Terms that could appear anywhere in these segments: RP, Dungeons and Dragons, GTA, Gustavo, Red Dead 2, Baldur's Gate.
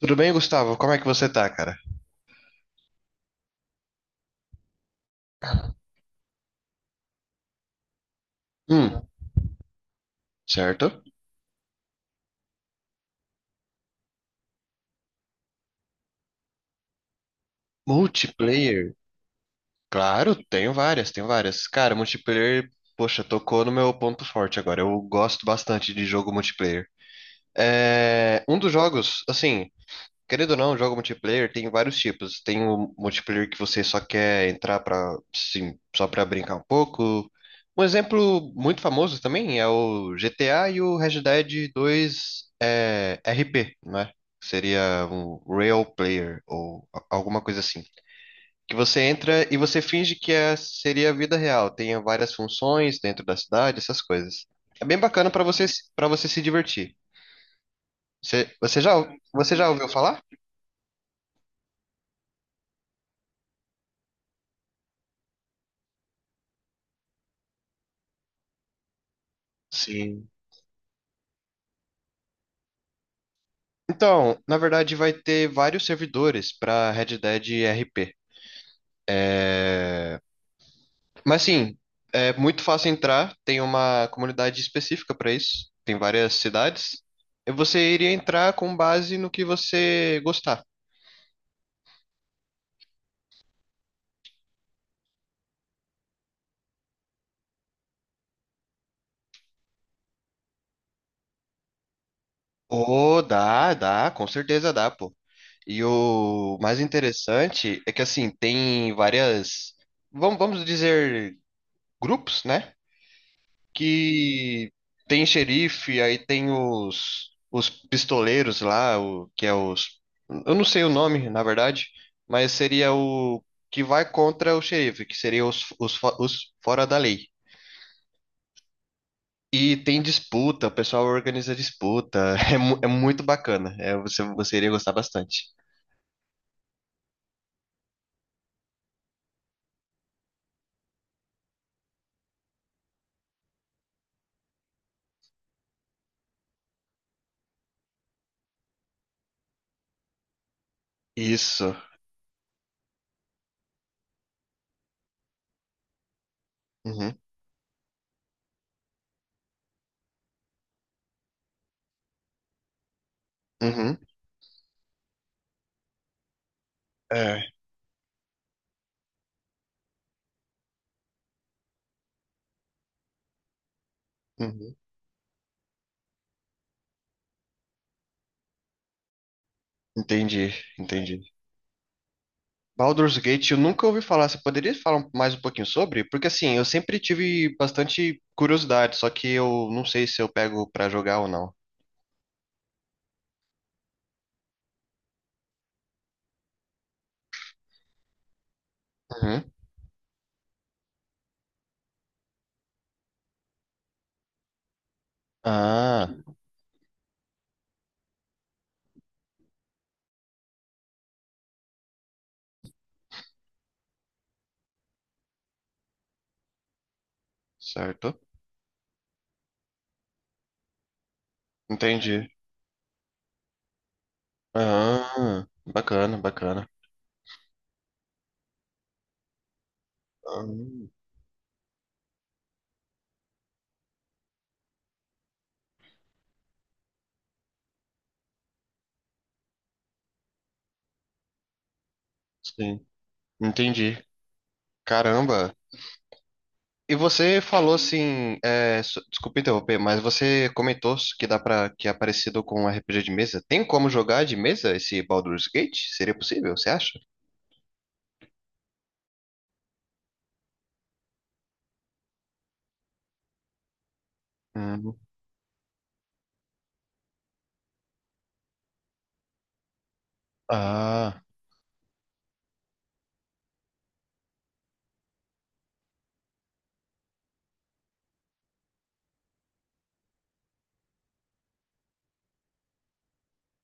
Tudo bem, Gustavo? Como é que você tá, cara? Hum, certo. Multiplayer? Claro, tenho várias, tenho várias. Cara, multiplayer, poxa, tocou no meu ponto forte agora. Eu gosto bastante de jogo multiplayer. É, um dos jogos, assim, querendo ou não, jogo multiplayer tem vários tipos. Tem o multiplayer que você só quer entrar para, sim, só para brincar um pouco. Um exemplo muito famoso também é o GTA e o Red Dead 2 é, RP, né? Seria um real player ou alguma coisa assim. Que você entra e você finge que é, seria a vida real. Tem várias funções dentro da cidade, essas coisas. É bem bacana para você se divertir. Você já você já ouviu falar? Sim. Então, na verdade, vai ter vários servidores para Red Dead RP. Mas sim, é muito fácil entrar, tem uma comunidade específica para isso, tem várias cidades. E você iria entrar com base no que você gostar. Oh, dá, dá, com certeza dá, pô. E o mais interessante é que assim, tem várias, vamos dizer, grupos, né? Que tem xerife, aí tem os pistoleiros lá, o, que é os. Eu não sei o nome, na verdade, mas seria o que vai contra o xerife, que seria os, os fora da lei. E tem disputa, o pessoal organiza disputa, é, é muito bacana, é, você iria gostar bastante. Isso. Uhum, uhum, é, uhum. Entendi, entendi. Baldur's Gate, eu nunca ouvi falar. Você poderia falar um, mais um pouquinho sobre? Porque assim, eu sempre tive bastante curiosidade, só que eu não sei se eu pego pra jogar ou não. Uhum. Ah, certo. Entendi. Ah, bacana, bacana. Ah, sim, entendi. Caramba. E você falou assim, é, desculpa interromper, mas você comentou que dá para que é parecido com um RPG de mesa. Tem como jogar de mesa esse Baldur's Gate? Seria possível, você acha? Uhum. Ah.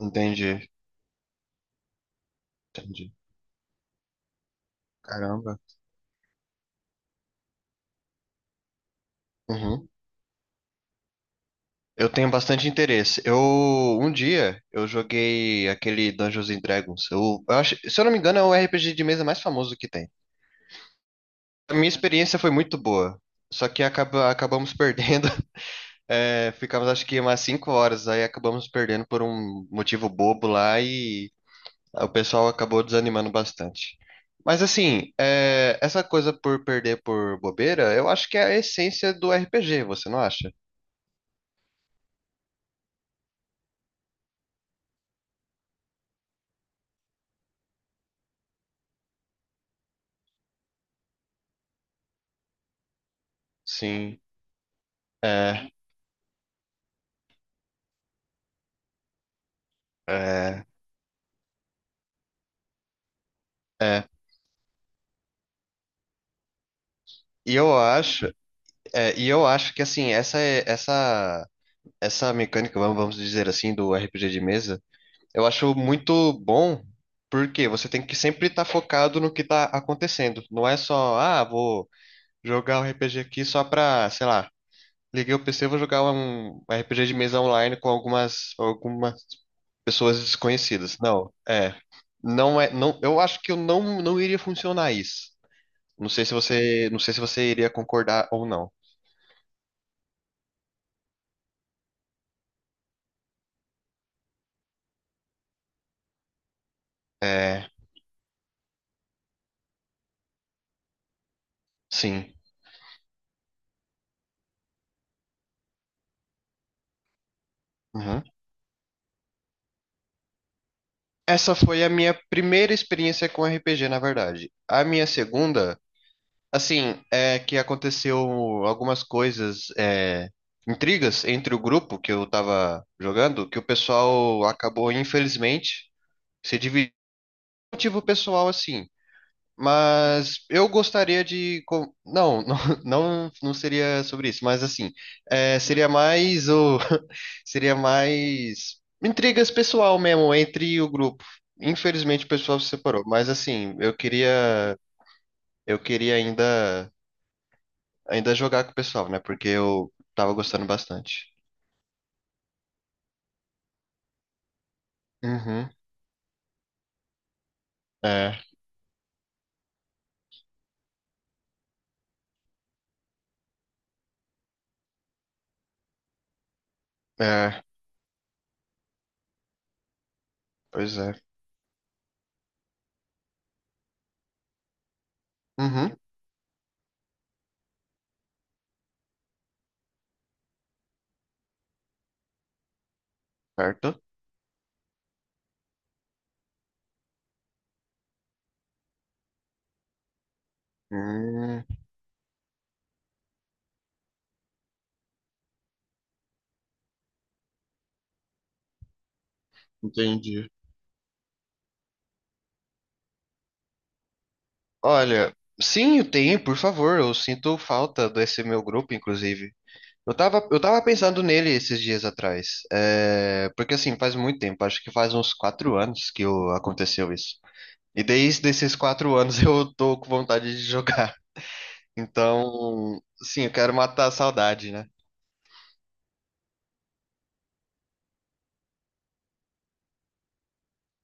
Entendi, entendi. Caramba. Uhum. Eu tenho bastante interesse. Eu, um dia, eu joguei aquele Dungeons and Dragons. Eu acho, se eu não me engano, é o RPG de mesa mais famoso que tem. A minha experiência foi muito boa. Só que acaba, acabamos perdendo. É, ficamos acho que umas 5 horas, aí acabamos perdendo por um motivo bobo lá e o pessoal acabou desanimando bastante. Mas assim, é, essa coisa por perder por bobeira, eu acho que é a essência do RPG, você não acha? Sim. É, é, é. E eu acho, é, e eu acho que assim, essa essa mecânica, vamos dizer assim, do RPG de mesa, eu acho muito bom, porque você tem que sempre estar focado no que está acontecendo. Não é só, ah, vou jogar um RPG aqui só pra, sei lá, liguei o PC, e vou jogar um RPG de mesa online com algumas pessoas desconhecidas. Não, é, não é, não, eu acho que eu não iria funcionar isso. Não sei se você, não sei se você iria concordar ou não. É, sim. Uhum. Essa foi a minha primeira experiência com RPG, na verdade. A minha segunda, assim, é que aconteceu algumas coisas, é, intrigas entre o grupo que eu tava jogando, que o pessoal acabou, infelizmente, se dividindo. Por motivo pessoal, assim. Mas eu gostaria de. Não, não, não, não seria sobre isso, mas assim, é, seria mais o. Seria mais intrigas pessoal mesmo entre o grupo. Infelizmente o pessoal se separou, mas assim, eu queria. Eu queria ainda, ainda jogar com o pessoal, né? Porque eu tava gostando bastante. Uhum. É, é, pois é. Uhum, certo. Hum, entendi. Olha, sim, tem, por favor. Eu sinto falta desse meu grupo, inclusive. Eu tava pensando nele esses dias atrás. É, porque assim, faz muito tempo, acho que faz uns 4 anos que aconteceu isso. E desde esses 4 anos eu tô com vontade de jogar. Então, sim, eu quero matar a saudade, né?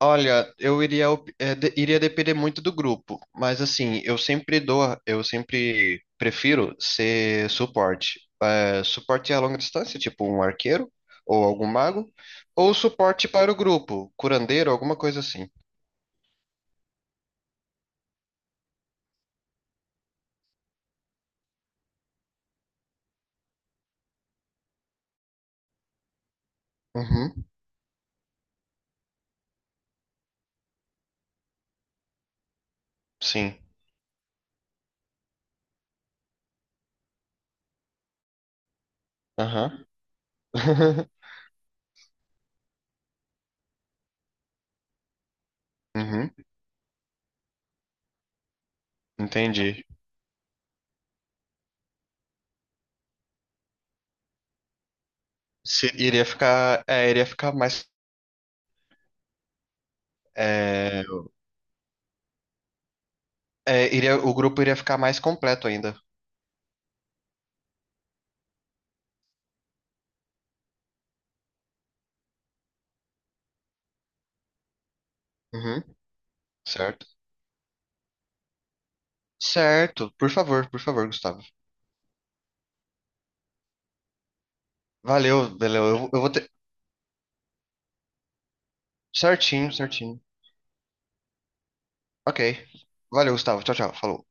Olha, eu iria, é, iria depender muito do grupo, mas assim, eu sempre prefiro ser suporte. É, suporte a longa distância, tipo um arqueiro ou algum mago, ou suporte para o grupo, curandeiro, alguma coisa assim. Uhum, sim. Aham. Uhum, entendi. Iria ficar, é, iria ficar mais, é, é, iria, o grupo iria ficar mais completo ainda. Uhum, certo. Certo. Por favor, Gustavo. Valeu, valeu. Eu vou ter certinho, certinho. Ok. Valeu, Gustavo. Tchau, tchau. Falou.